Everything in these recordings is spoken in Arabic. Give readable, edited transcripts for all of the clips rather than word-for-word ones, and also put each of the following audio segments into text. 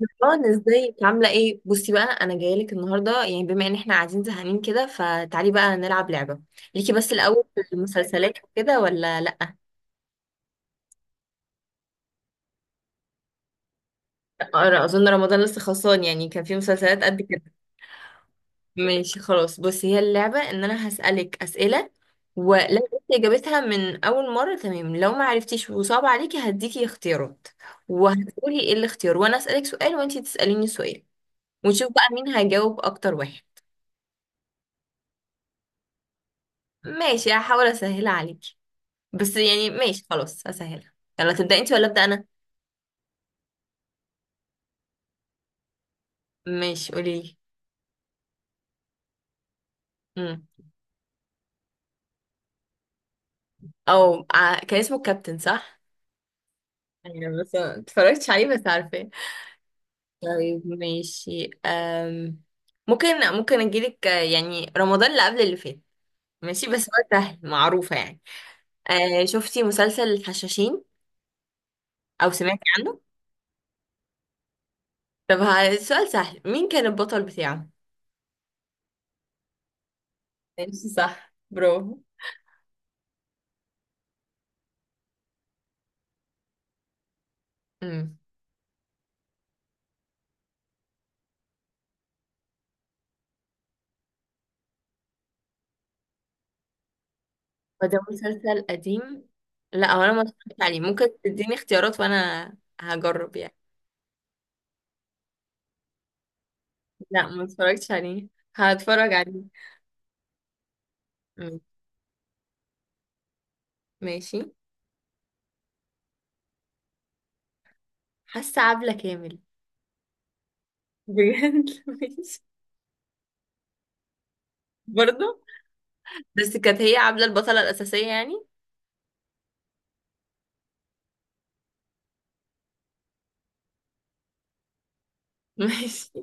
اه، ازيك؟ عامله ايه؟ بصي بقى، انا جايه لك النهارده، يعني بما ان احنا قاعدين زهقانين كده، فتعالي بقى نلعب لعبه. ليكي بس الاول في المسلسلات وكده ولا لا؟ اظن رمضان لسه خلصان، يعني كان في مسلسلات قد كده؟ ماشي، خلاص. بصي، هي اللعبه ان انا هسالك اسئله، ولو جبتي اجابتها من اول مره تمام، لو ما عرفتيش وصعب عليكي هديكي اختيارات، وهتقولي ايه الاختيار، وانا اسالك سؤال وانتي تساليني سؤال، ونشوف بقى مين هيجاوب اكتر واحد. ماشي، هحاول اسهلها عليكي، بس يعني ماشي، خلاص هسهلها. يلا تبدأ انت ولا أبدأ أنا؟ ماشي، قولي لي. امم. او كان اسمه الكابتن، صح؟ ايوه، بس ما اتفرجتش عليه، بس عارفاه. طيب ماشي. ممكن، ممكن اجيلك، يعني رمضان اللي قبل اللي فات. ماشي، بس هو سهل، معروفة يعني. شفتي مسلسل الحشاشين او سمعتي عنه؟ طب السؤال سهل، مين كان البطل بتاعه؟ ماشي، صح، برافو. مم. هو ده مسلسل قديم؟ لا، هو انا ما اتفرجتش عليه، ممكن تديني اختيارات وانا هجرب يعني. لا، ما اتفرجتش عليه، هتفرج عليه. م- ماشي. حاسه عبلة كامل. بجد، ماشي. برضه. بس كانت هي عبلة البطلة الأساسية يعني. ماشي.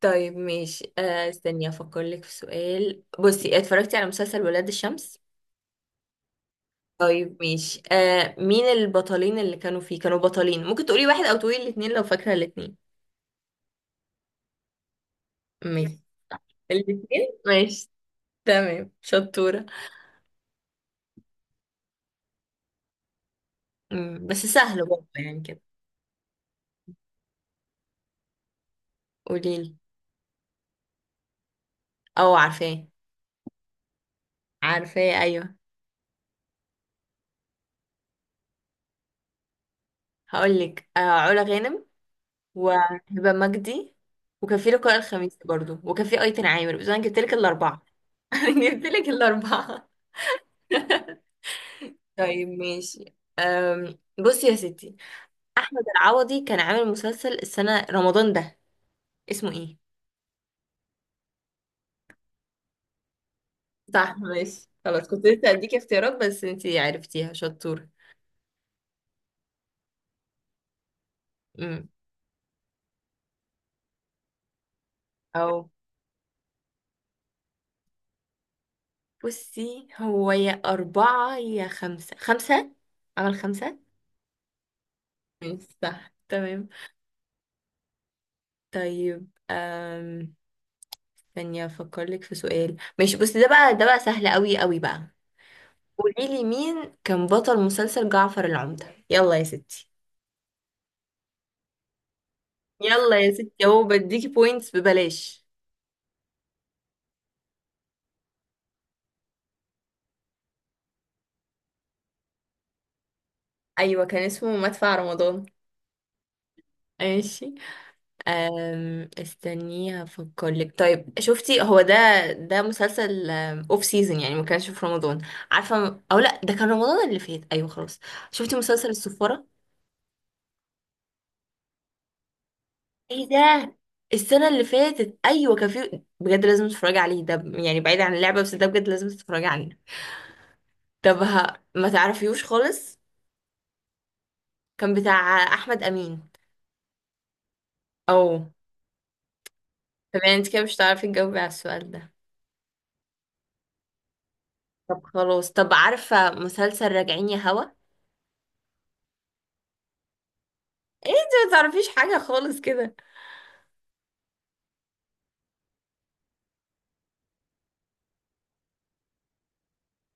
طيب ماشي، استني افكر لك في سؤال. بصي، اتفرجتي على مسلسل ولاد الشمس؟ طيب ماشي، مين البطلين اللي كانوا فيه؟ كانوا بطلين، ممكن تقولي واحد او تقولي الاتنين لو فاكرة الاتنين. ماشي، الاثنين، ماشي، تمام، شطورة. مم. بس سهل برضه يعني كده. قوليلي. او عارفاه. عارفاه، ايوه. هقولك، علا غانم وهبة مجدي، وكان في لقاء الخميس برضه، وكان في ايتن عامر، بس انا جبتلك الاربعة. انا جبتلك الاربعة. طيب ماشي. بصي يا ستي، احمد العوضي كان عامل مسلسل السنة رمضان ده، اسمه ايه؟ صح، ماشي، خلاص. كنت لسه هديكي اختيارات، بس انتي عرفتيها، شطورة. امم. او بصي، هو يا أربعة يا خمسة، خمسة. عمل خمسة. ماشي، صح، تمام. طيب. ثانية أفكر لك في سؤال. ماشي، بصي، ده بقى سهل قوي قوي بقى. قولي لي مين كان بطل مسلسل جعفر العمدة؟ يلا يا ستي. يلا يا ستي، اهو بديكي بوينتس ببلاش. ايوه، كان اسمه مدفع رمضان. ماشي. استنيه افكر لك. طيب، شفتي هو ده؟ ده مسلسل اوف سيزون، يعني ما كانش في رمضان، عارفه او لا؟ ده كان رمضان اللي فات، ايوه خلاص. شفتي مسلسل السفاره؟ ايه ده، السنه اللي فاتت ايوه كان في، بجد لازم تتفرجي عليه ده، يعني بعيد عن اللعبه، بس ده بجد لازم تتفرجي عليه. طب ما تعرفيوش خالص. كان بتاع احمد امين. او. طب يعني انت كده مش هتعرفي تجاوبي على السؤال ده. طب خلاص، عارفه مسلسل راجعين يا هوا؟ ايه انت ما تعرفيش حاجة خالص كده.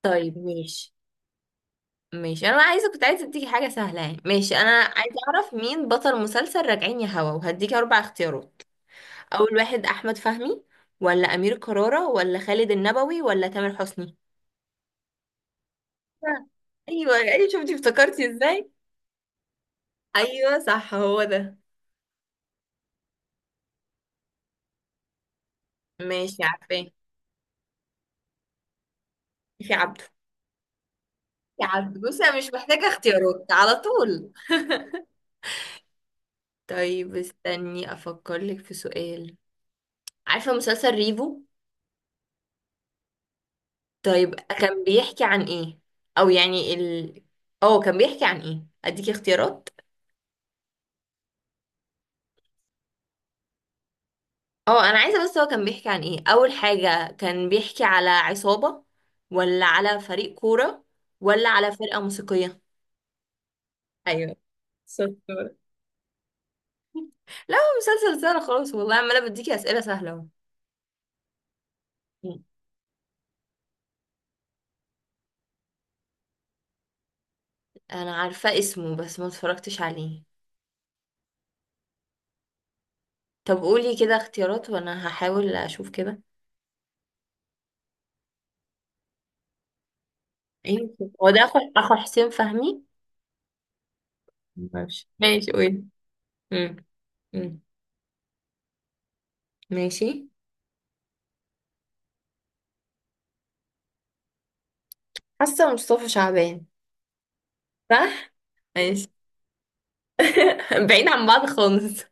طيب ماشي، انا عايزة كنت عايزة اديكي حاجة سهلة. يعني ماشي، انا عايزة اعرف مين بطل مسلسل راجعين يا هوا، وهديكي اربع اختيارات. اول واحد احمد فهمي، ولا امير كرارة، ولا خالد النبوي، ولا تامر حسني؟ آه. ايوه ايوه، شفتي افتكرتي ازاي؟ ايوه، صح، هو ده. ماشي، عارفاه. في عبده. في عبده، بصي انا مش محتاجة اختيارات على طول. طيب، استني افكر لك في سؤال. عارفة مسلسل ريفو؟ طيب، كان بيحكي عن ايه؟ او يعني اه كان بيحكي عن ايه؟ اديكي اختيارات. اه انا عايزه بس هو كان بيحكي عن ايه اول حاجه، كان بيحكي على عصابه، ولا على فريق كوره، ولا على فرقه موسيقيه؟ ايوه، شطورة. لا، هو مسلسل سهل خالص والله، عماله بديكي اسئله سهله اهو. انا عارفه اسمه، بس ما اتفرجتش عليه. طب قولي كده اختيارات وانا هحاول اشوف كده. يمكن هو ده اخو حسين فهمي. ماشي ماشي، قولي. مم. مم. ماشي. حاسة مصطفى شعبان. صح. ماشي. بعيد عن بعض خالص.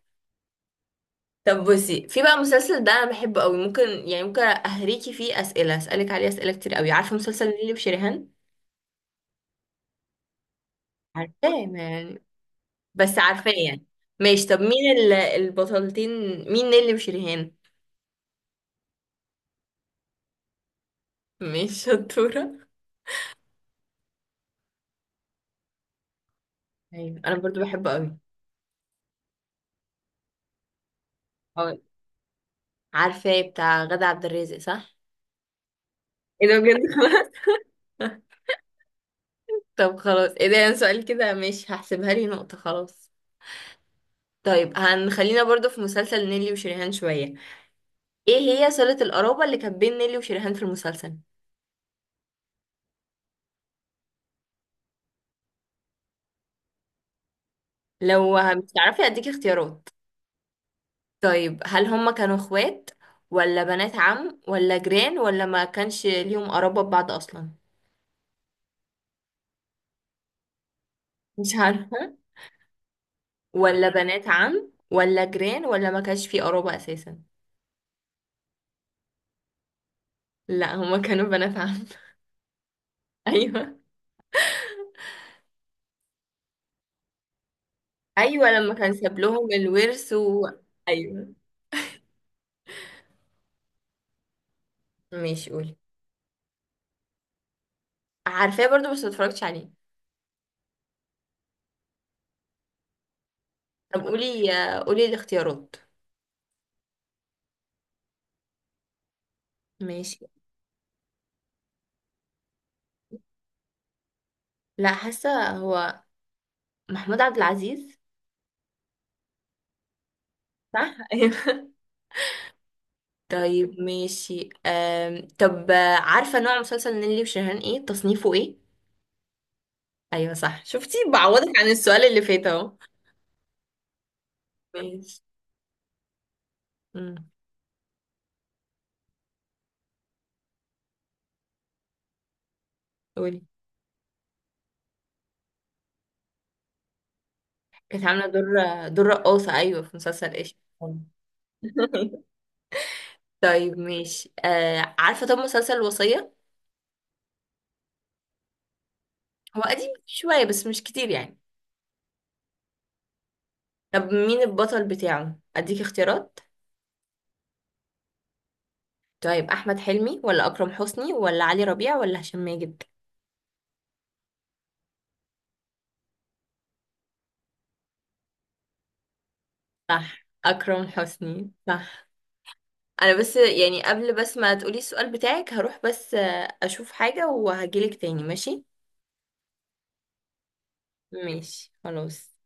طب بصي، في بقى مسلسل ده انا بحبه قوي، ممكن يعني ممكن اهريكي فيه اسئله، اسالك عليه اسئله كتير قوي. عارفه مسلسل نيلي وشريهان؟ عارفاه ما يعني، بس عارفاه يعني. ماشي، طب مين البطلتين؟ مين نيلي وشريهان؟ مش شطوره. ايوه انا برضو بحبه قوي. أوي. عارفاه، بتاع غادة عبد الرازق، صح؟ ايه ده بجد. طب خلاص، ايه ده، يعني سؤال كده، ماشي هحسبها لي نقطة، خلاص. طيب هنخلينا برضو في مسلسل نيلي وشريهان شوية. ايه هي صلة القرابة اللي كانت بين نيلي وشريهان في المسلسل؟ لو مش تعرفي اديكي اختيارات. طيب، هل هما كانوا اخوات، ولا بنات عم، ولا جيران، ولا ما كانش ليهم قرابة ببعض اصلا؟ مش عارفة. ولا بنات عم، ولا جيران، ولا ما كانش في قرابة اساسا؟ لا، هما كانوا بنات عم. ايوه. ايوه، لما كان ساب لهم الورث. ايوه. ماشي، قولي. عارفاه برضو بس متفرجتش عليه. طب قولي، قولي الاختيارات. ماشي. لا، حاسه هو محمود عبد العزيز. صح. ايوه. طيب ماشي. طب عارفه نوع مسلسل نيللي وشيرين ايه؟ تصنيفه ايه؟ ايوه، صح، شفتي بعوضك عن السؤال اللي فات اهو. ماشي. أمم، قولي. كانت عامله دور رقاصه، ايوه، في مسلسل ايش؟ طيب ماشي، عارفه طب مسلسل الوصيه؟ هو قديم شويه بس مش كتير يعني. طب مين البطل بتاعه؟ اديك اختيارات. طيب احمد حلمي، ولا اكرم حسني، ولا علي ربيع، ولا هشام ماجد؟ صح، اكرم حسني، صح. انا بس يعني، قبل بس ما تقولي السؤال بتاعك، هروح بس اشوف حاجة وهجيلك تاني، ماشي؟ ماشي خلاص.